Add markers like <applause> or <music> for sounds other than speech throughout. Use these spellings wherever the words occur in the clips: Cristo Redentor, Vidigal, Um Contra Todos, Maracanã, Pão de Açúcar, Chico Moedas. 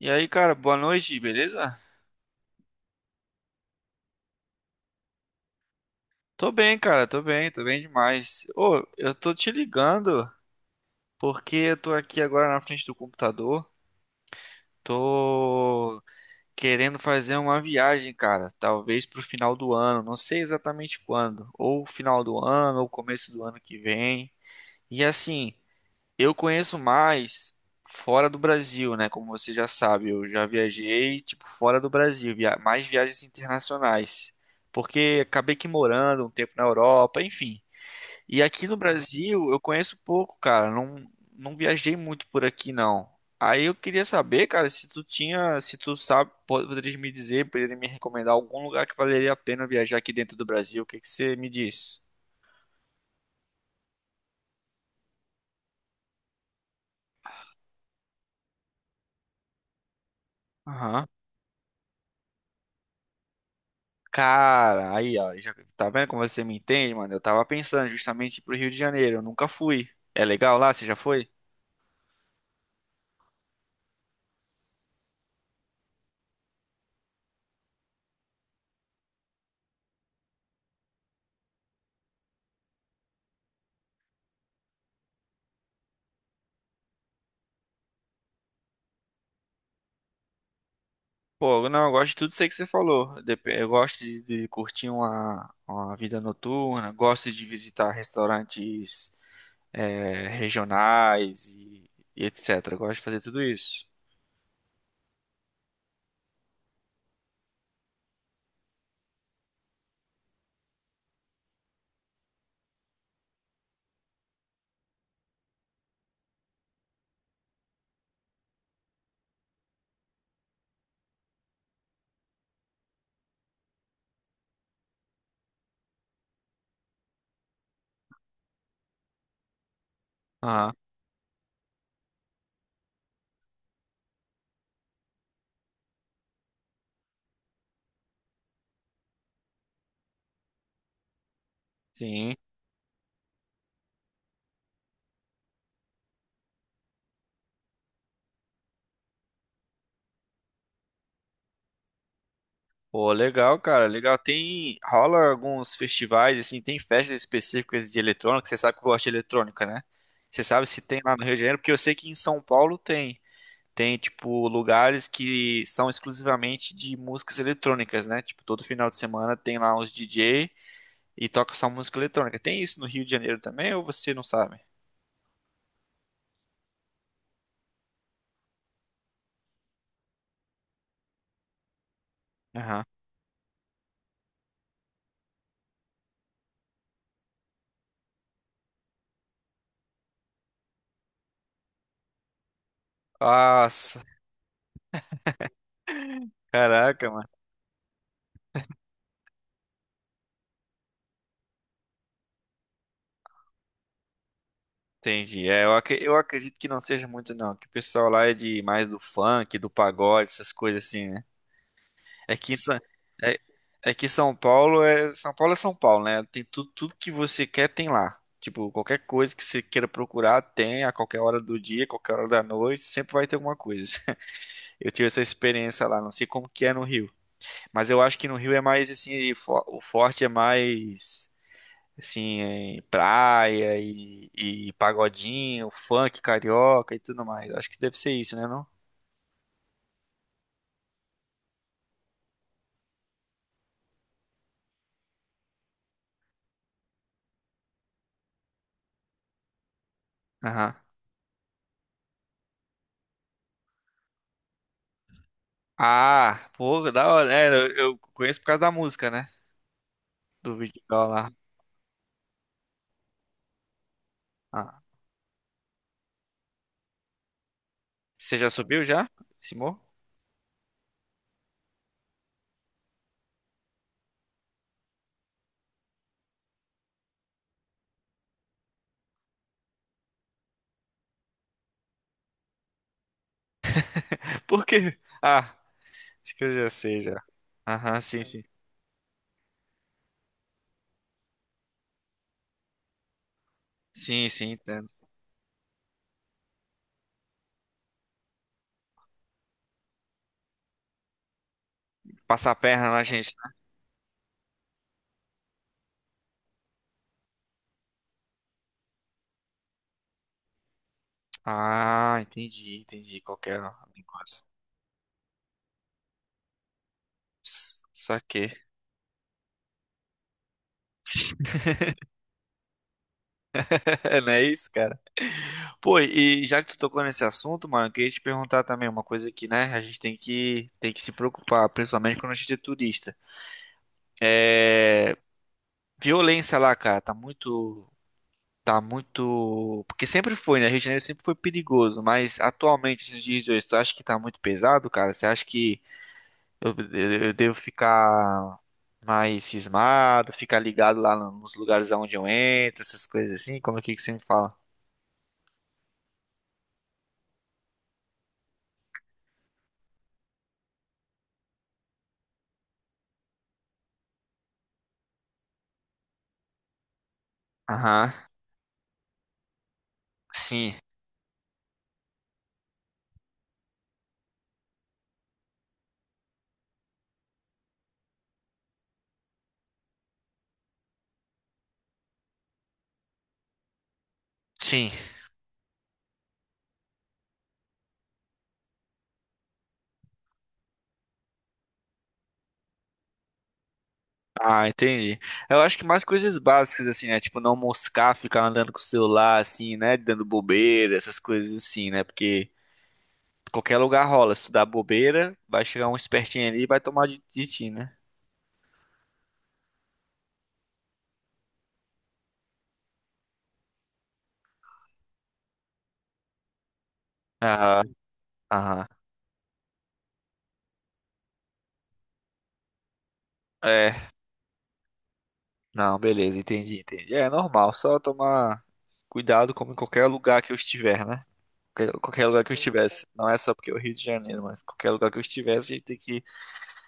E aí, cara, boa noite, beleza? Tô bem, cara, tô bem demais. Ô, eu tô te ligando porque eu tô aqui agora na frente do computador. Tô querendo fazer uma viagem, cara, talvez pro final do ano, não sei exatamente quando, ou final do ano, ou começo do ano que vem. E assim, eu conheço mais fora do Brasil, né? Como você já sabe, eu já viajei, tipo, fora do Brasil, mais viagens internacionais. Porque acabei que morando um tempo na Europa, enfim. E aqui no Brasil eu conheço pouco, cara. Não, não viajei muito por aqui, não. Aí eu queria saber, cara, se tu tinha, se tu sabe, poderia me dizer, poderia me recomendar algum lugar que valeria a pena viajar aqui dentro do Brasil. O que que você me diz? Aham. Cara, aí, ó, já, tá vendo como você me entende, mano? Eu tava pensando justamente pro Rio de Janeiro, eu nunca fui. É legal lá? Você já foi? Pô, não, eu gosto de tudo isso aí que você falou. Eu gosto de curtir uma vida noturna, gosto de visitar restaurantes é, regionais e etc. Eu gosto de fazer tudo isso. Aham. Sim. Pô, legal, cara, legal. Tem, rola alguns festivais, assim, tem festas específicas de eletrônica, você sabe que eu gosto de eletrônica, né? Você sabe se tem lá no Rio de Janeiro, porque eu sei que em São Paulo tem. Tem, tipo, lugares que são exclusivamente de músicas eletrônicas, né? Tipo, todo final de semana tem lá uns DJ e toca só música eletrônica. Tem isso no Rio de Janeiro também, ou você não sabe? Aham. Nossa, caraca, entendi. É, eu, eu acredito que não seja muito, não. Que o pessoal lá é de mais do funk, do pagode, essas coisas assim, né? É que, é, é que São Paulo é São Paulo, né? Tem tudo, tudo que você quer tem lá. Tipo, qualquer coisa que você queira procurar tem a qualquer hora do dia, qualquer hora da noite, sempre vai ter alguma coisa. <laughs> Eu tive essa experiência lá, não sei como que é no Rio, mas eu acho que no Rio é mais assim, o forte é mais assim, em praia e pagodinho, funk carioca e tudo mais. Acho que deve ser isso, né, não? Aham. Ah, pô, da hora. É, eu conheço por causa da música, né? Do vídeo lá. Ah. Você já subiu já? Esse morro? <laughs> Por quê? Ah, acho que eu já sei já. Aham, sim, sim. Sim, sim, entendo. Passar a perna na gente, né? Ah, entendi, entendi. Qualquer negócio. Saquei. <laughs> Não é isso, cara? Pô, e já que tu tocou nesse assunto, mano, eu queria te perguntar também uma coisa que, né, a gente tem que se preocupar, principalmente quando a gente é turista. É, violência lá, cara, tá muito, tá muito, porque sempre foi, né, Rio de Janeiro sempre foi perigoso, mas atualmente, esses dias de hoje, tu acha que tá muito pesado, cara? Você acha que eu, eu devo ficar mais cismado, ficar ligado lá nos lugares aonde eu entro, essas coisas assim? Como é que você me fala? Aham, sim, sim. Ah, entendi. Eu acho que mais coisas básicas, assim, né? Tipo, não moscar, ficar andando com o celular, assim, né? Dando bobeira, essas coisas assim, né? Porque qualquer lugar rola. Se tu dá bobeira, vai chegar um espertinho ali e vai tomar de ti, né? Aham, aham. É, não, beleza, entendi, entendi. É normal, só tomar cuidado como em qualquer lugar que eu estiver, né? Qualquer lugar que eu estivesse. Não é só porque é o Rio de Janeiro, mas qualquer lugar que eu estivesse, a gente tem que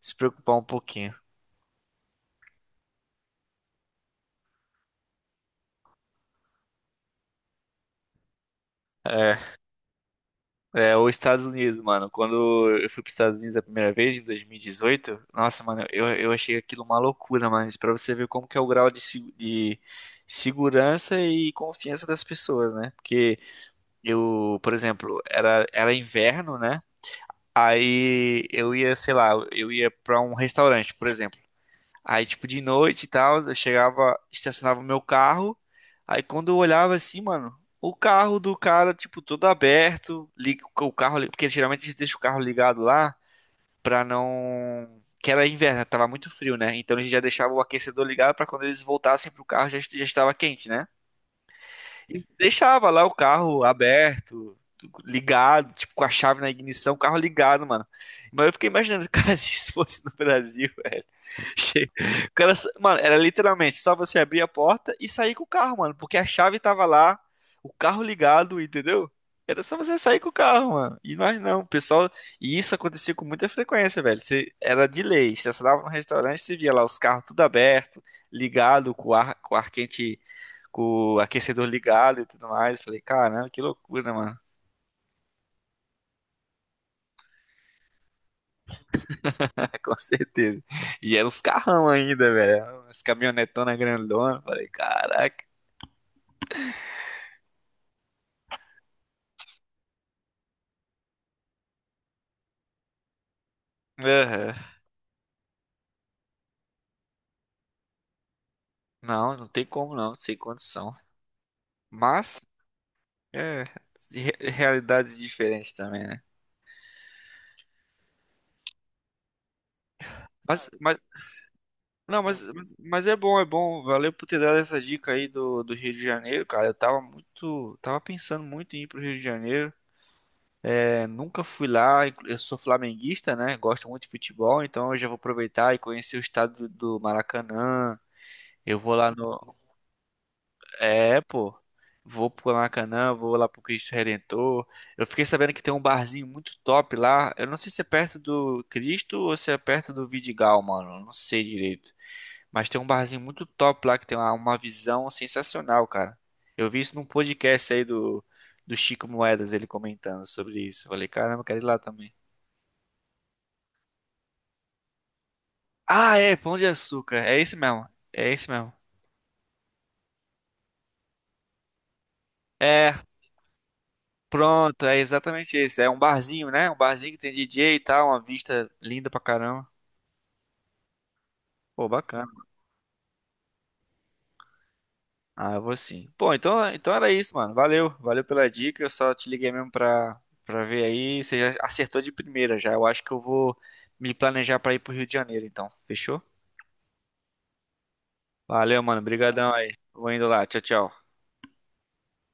se preocupar um pouquinho. É, é, os Estados Unidos, mano. Quando eu fui para os Estados Unidos a primeira vez, em 2018, nossa, mano, eu achei aquilo uma loucura, mano. Isso pra você ver como que é o grau de, de segurança e confiança das pessoas, né? Porque eu, por exemplo, era inverno, né? Aí eu ia, sei lá, eu ia pra um restaurante, por exemplo. Aí, tipo, de noite e tal, eu chegava, estacionava o meu carro. Aí, quando eu olhava assim, mano, o carro do cara, tipo, todo aberto, liga o carro, porque geralmente eles deixam o carro ligado lá pra não. Que era inverno, né, tava muito frio, né? Então eles já deixavam o aquecedor ligado pra quando eles voltassem pro carro já, já estava quente, né? E deixava lá o carro aberto, ligado, tipo, com a chave na ignição, o carro ligado, mano. Mas eu fiquei imaginando, <laughs> cara, se isso fosse no Brasil. <laughs> Che- O cara, mano, era literalmente só você abrir a porta e sair com o carro, mano, porque a chave tava lá, o carro ligado, entendeu? Era só você sair com o carro, mano. E nós não, o pessoal. E isso acontecia com muita frequência, velho. Você, era de lei. Você dava no restaurante, você via lá os carros tudo aberto, ligado, com o ar quente, com o aquecedor ligado e tudo mais. Eu falei, caramba, que loucura, mano. <laughs> Com certeza. E eram os carrão ainda, velho. As caminhonetonas grandonas. Eu falei, caraca. Aham. Não, não tem como não, sem condição. Mas, é, realidades diferentes também, né? Mas, mas, não, mas é bom, é bom. Valeu por ter dado essa dica aí do, do Rio de Janeiro, cara. Eu tava muito, tava pensando muito em ir pro Rio de Janeiro. É, nunca fui lá, eu sou flamenguista, né? Gosto muito de futebol, então eu já vou aproveitar e conhecer o estado do, do Maracanã. Eu vou lá no, é, pô. Vou pro Maracanã, vou lá pro Cristo Redentor. Eu fiquei sabendo que tem um barzinho muito top lá. Eu não sei se é perto do Cristo ou se é perto do Vidigal, mano. Eu não sei direito. Mas tem um barzinho muito top lá que tem uma visão sensacional, cara. Eu vi isso num podcast aí do, do Chico Moedas, ele comentando sobre isso. Eu falei, caramba, eu quero ir lá também. Ah, é, Pão de Açúcar. É esse mesmo. É, pronto, é exatamente isso. É um barzinho, né? Um barzinho que tem DJ e tal, uma vista linda pra caramba. Pô, bacana. Ah, eu vou sim. Pô, então era isso, mano. Valeu pela dica. Eu só te liguei mesmo pra, pra ver aí. Você já acertou de primeira já. Eu acho que eu vou me planejar pra ir pro Rio de Janeiro, então. Fechou? Valeu, mano. Obrigadão aí. Vou indo lá. Tchau, tchau.